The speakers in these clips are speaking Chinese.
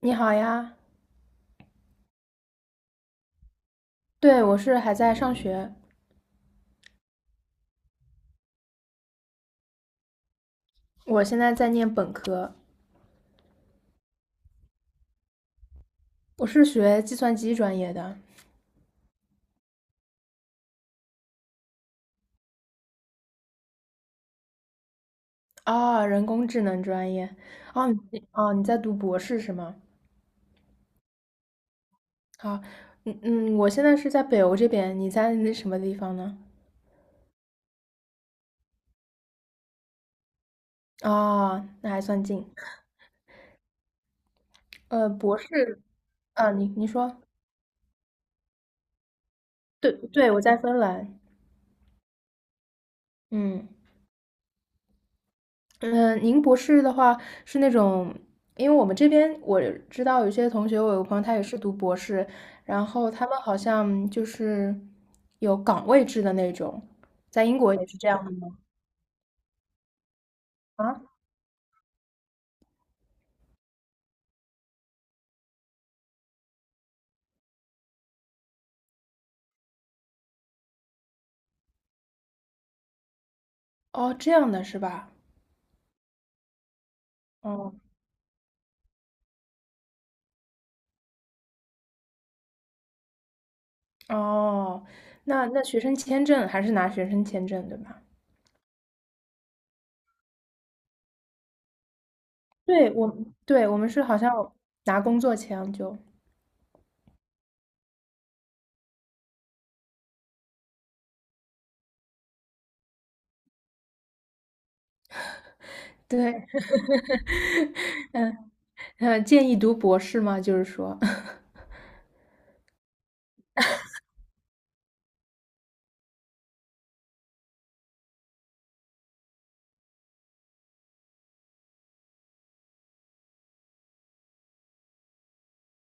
你好呀，对，我是还在上学，我现在在念本科，我是学计算机专业的。啊，人工智能专业。哦，你在读博士是吗？啊，嗯嗯，我现在是在北欧这边，你在那什么地方呢？啊，那还算近。博士。啊，你说。对对，我在芬兰。嗯。嗯，您博士的话是那种，因为我们这边我知道有些同学，我有个朋友他也是读博士，然后他们好像就是有岗位制的那种，在英国也是这样的吗？啊，哦，这样的是吧？哦哦，那学生签证还是拿学生签证对吧？对我们是好像拿工作签就对。建议读博士吗？就是说。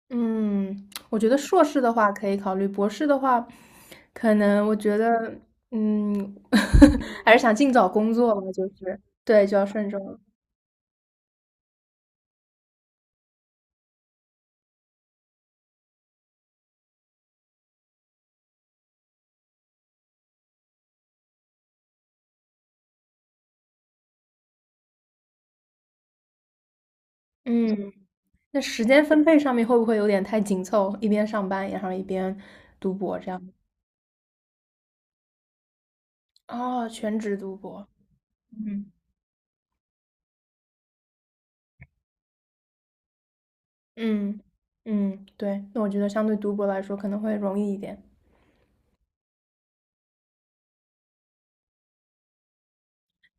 嗯，我觉得硕士的话可以考虑，博士的话，可能我觉得，嗯，还是想尽早工作吧，就是对，就要慎重了。嗯，那时间分配上面会不会有点太紧凑？一边上班，然后一边读博这样？哦，全职读博。嗯嗯嗯，对，那我觉得相对读博来说可能会容易一点。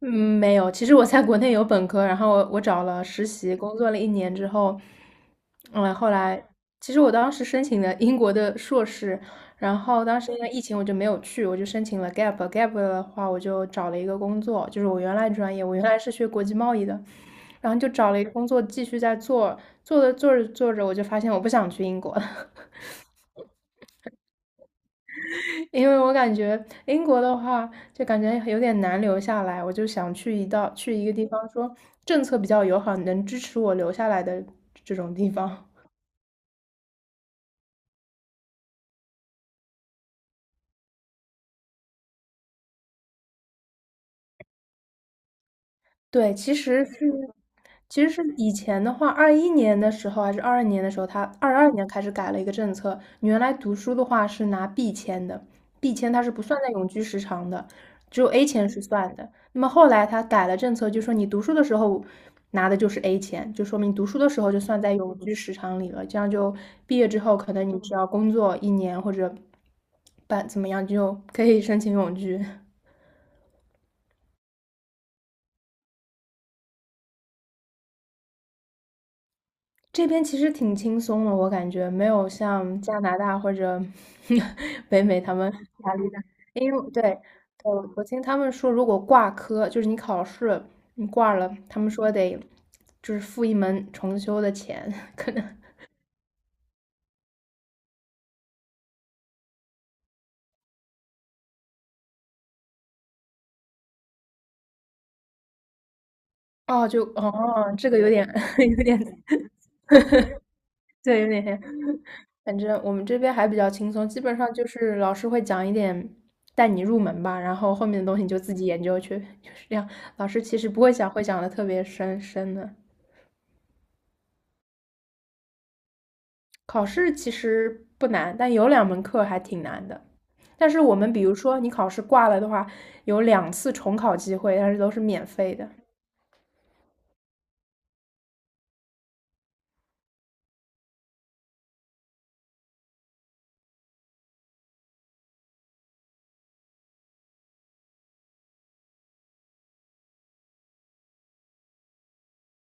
嗯，没有。其实我在国内有本科，然后我找了实习，工作了一年之后。嗯，后来其实我当时申请的英国的硕士，然后当时因为疫情我就没有去，我就申请了 gap。gap 的话，我就找了一个工作，就是我原来专业，我原来是学国际贸易的，然后就找了一个工作继续在做，做着做着做着，我就发现我不想去英国了。因为我感觉英国的话，就感觉有点难留下来，我就想去一道去一个地方，说政策比较友好，能支持我留下来的这种地方。对，其实是以前的话，21年的时候还是二二年的时候，他二二年开始改了一个政策。你原来读书的话是拿 B 签的，B 签它是不算在永居时长的，只有 A 签是算的。那么后来他改了政策，就说你读书的时候拿的就是 A 签，就说明读书的时候就算在永居时长里了。这样就毕业之后，可能你只要工作一年或者办怎么样，就可以申请永居。这边其实挺轻松的，我感觉没有像加拿大或者 北美他们压力大。因为对，对，我听他们说，如果挂科，就是你考试你挂了，他们说得就是付一门重修的钱，可能哦，这个有点 有点对，有点黑。反正我们这边还比较轻松，基本上就是老师会讲一点带你入门吧，然后后面的东西你就自己研究去，就是这样。老师其实不会讲，会讲的特别深深的。考试其实不难，但有2门课还挺难的。但是我们比如说你考试挂了的话，有2次重考机会，但是都是免费的。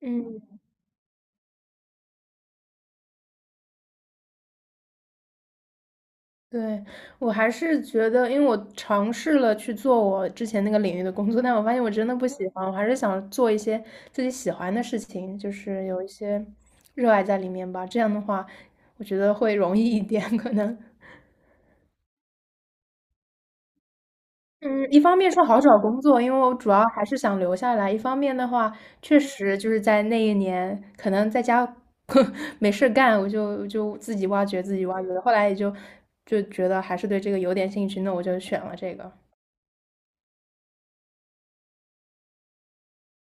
嗯，对，我还是觉得，因为我尝试了去做我之前那个领域的工作，但我发现我真的不喜欢，我还是想做一些自己喜欢的事情，就是有一些热爱在里面吧。这样的话，我觉得会容易一点，可能。嗯，一方面是好找工作，因为我主要还是想留下来；一方面的话，确实就是在那一年，可能在家 没事干，我就自己挖掘，自己挖掘。后来也就觉得还是对这个有点兴趣，那我就选了这个。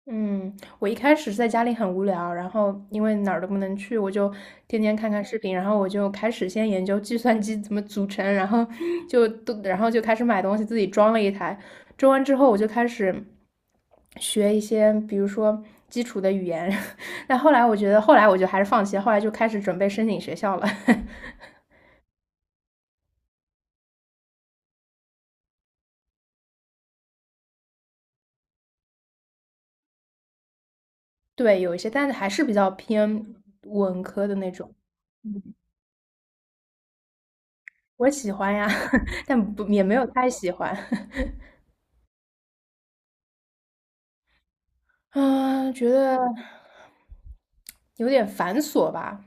嗯，我一开始在家里很无聊，然后因为哪儿都不能去，我就天天看看视频，然后我就开始先研究计算机怎么组成，然后 就都，然后就开始买东西，自己装了一台。装完之后，我就开始。学一些，比如说基础的语言。但后来我觉得，后来我就还是放弃了，后来就开始准备申请学校了。对，有一些，但是还是比较偏文科的那种。我喜欢呀，但不也没有太喜欢。啊，觉得有点繁琐吧。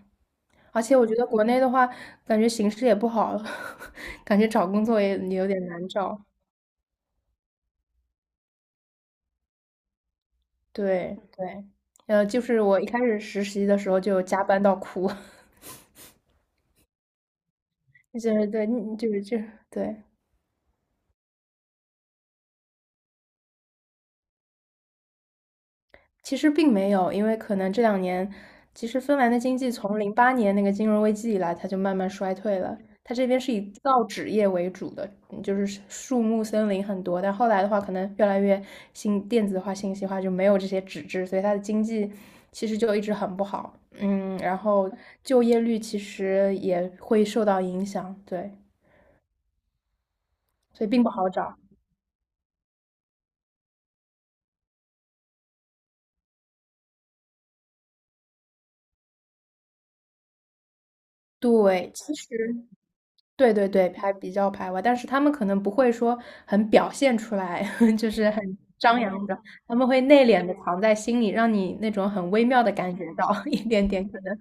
而且我觉得国内的话，感觉形势也不好，感觉找工作也有点难找。对对，就是我一开始实习的时候就加班到哭。就是对，就是对。其实并没有，因为可能这2年，其实芬兰的经济从08年那个金融危机以来，它就慢慢衰退了。它这边是以造纸业为主的，就是树木森林很多，但后来的话，可能越来越信电子化、信息化，就没有这些纸质，所以它的经济其实就一直很不好。嗯，然后就业率其实也会受到影响，对，所以并不好找。对，其实。对对对，还比较排外，但是他们可能不会说很表现出来，就是很张扬的，他们会内敛的藏在心里，让你那种很微妙的感觉到 一点点可能。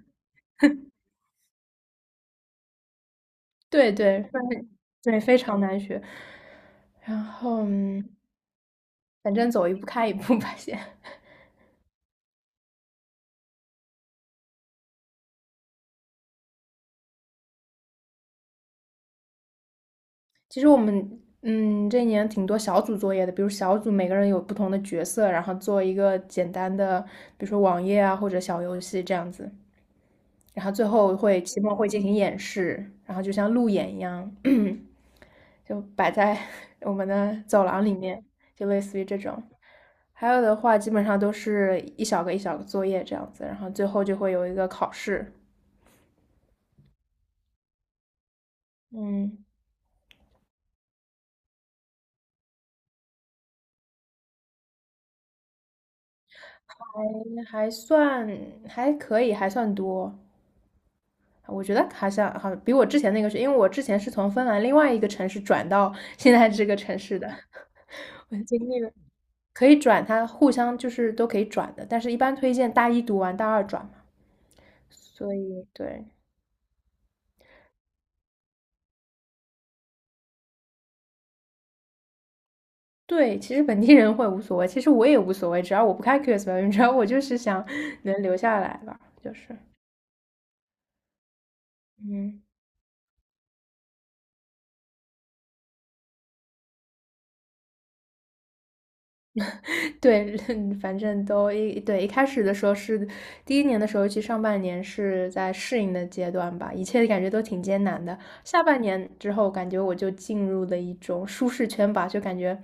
对对，非对，非常难学。然后，反正走一步看一步吧，先。其实我们，这一年挺多小组作业的，比如小组每个人有不同的角色，然后做一个简单的，比如说网页啊或者小游戏这样子。然后最后会期末会进行演示，然后就像路演一样，就摆在 我们的走廊里面，就类似于这种。还有的话，基本上都是一小个一小个作业这样子，然后最后就会有一个考试。嗯，还算还可以，还算多。我觉得好像好，比我之前那个是，因为我之前是从芬兰另外一个城市转到 现在这个城市的。我经历了。可以转，他互相就是都可以转的，但是一般推荐大一读完大二转嘛。所以对。对，其实本地人会无所谓，其实我也无所谓，只要我不开 QS 表演，只要我就是想能留下来吧，就是嗯。对，反正都一对一开始的时候是第一年的时候，其实上半年是在适应的阶段吧，一切感觉都挺艰难的。下半年之后，感觉我就进入了一种舒适圈吧，就感觉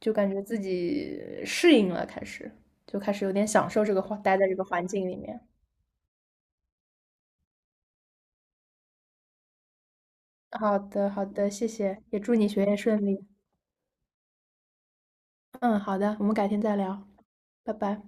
就感觉自己适应了，就开始有点享受这个环，待在这个环境里面。好的，好的，谢谢，也祝你学业顺利。嗯，好的，我们改天再聊，拜拜。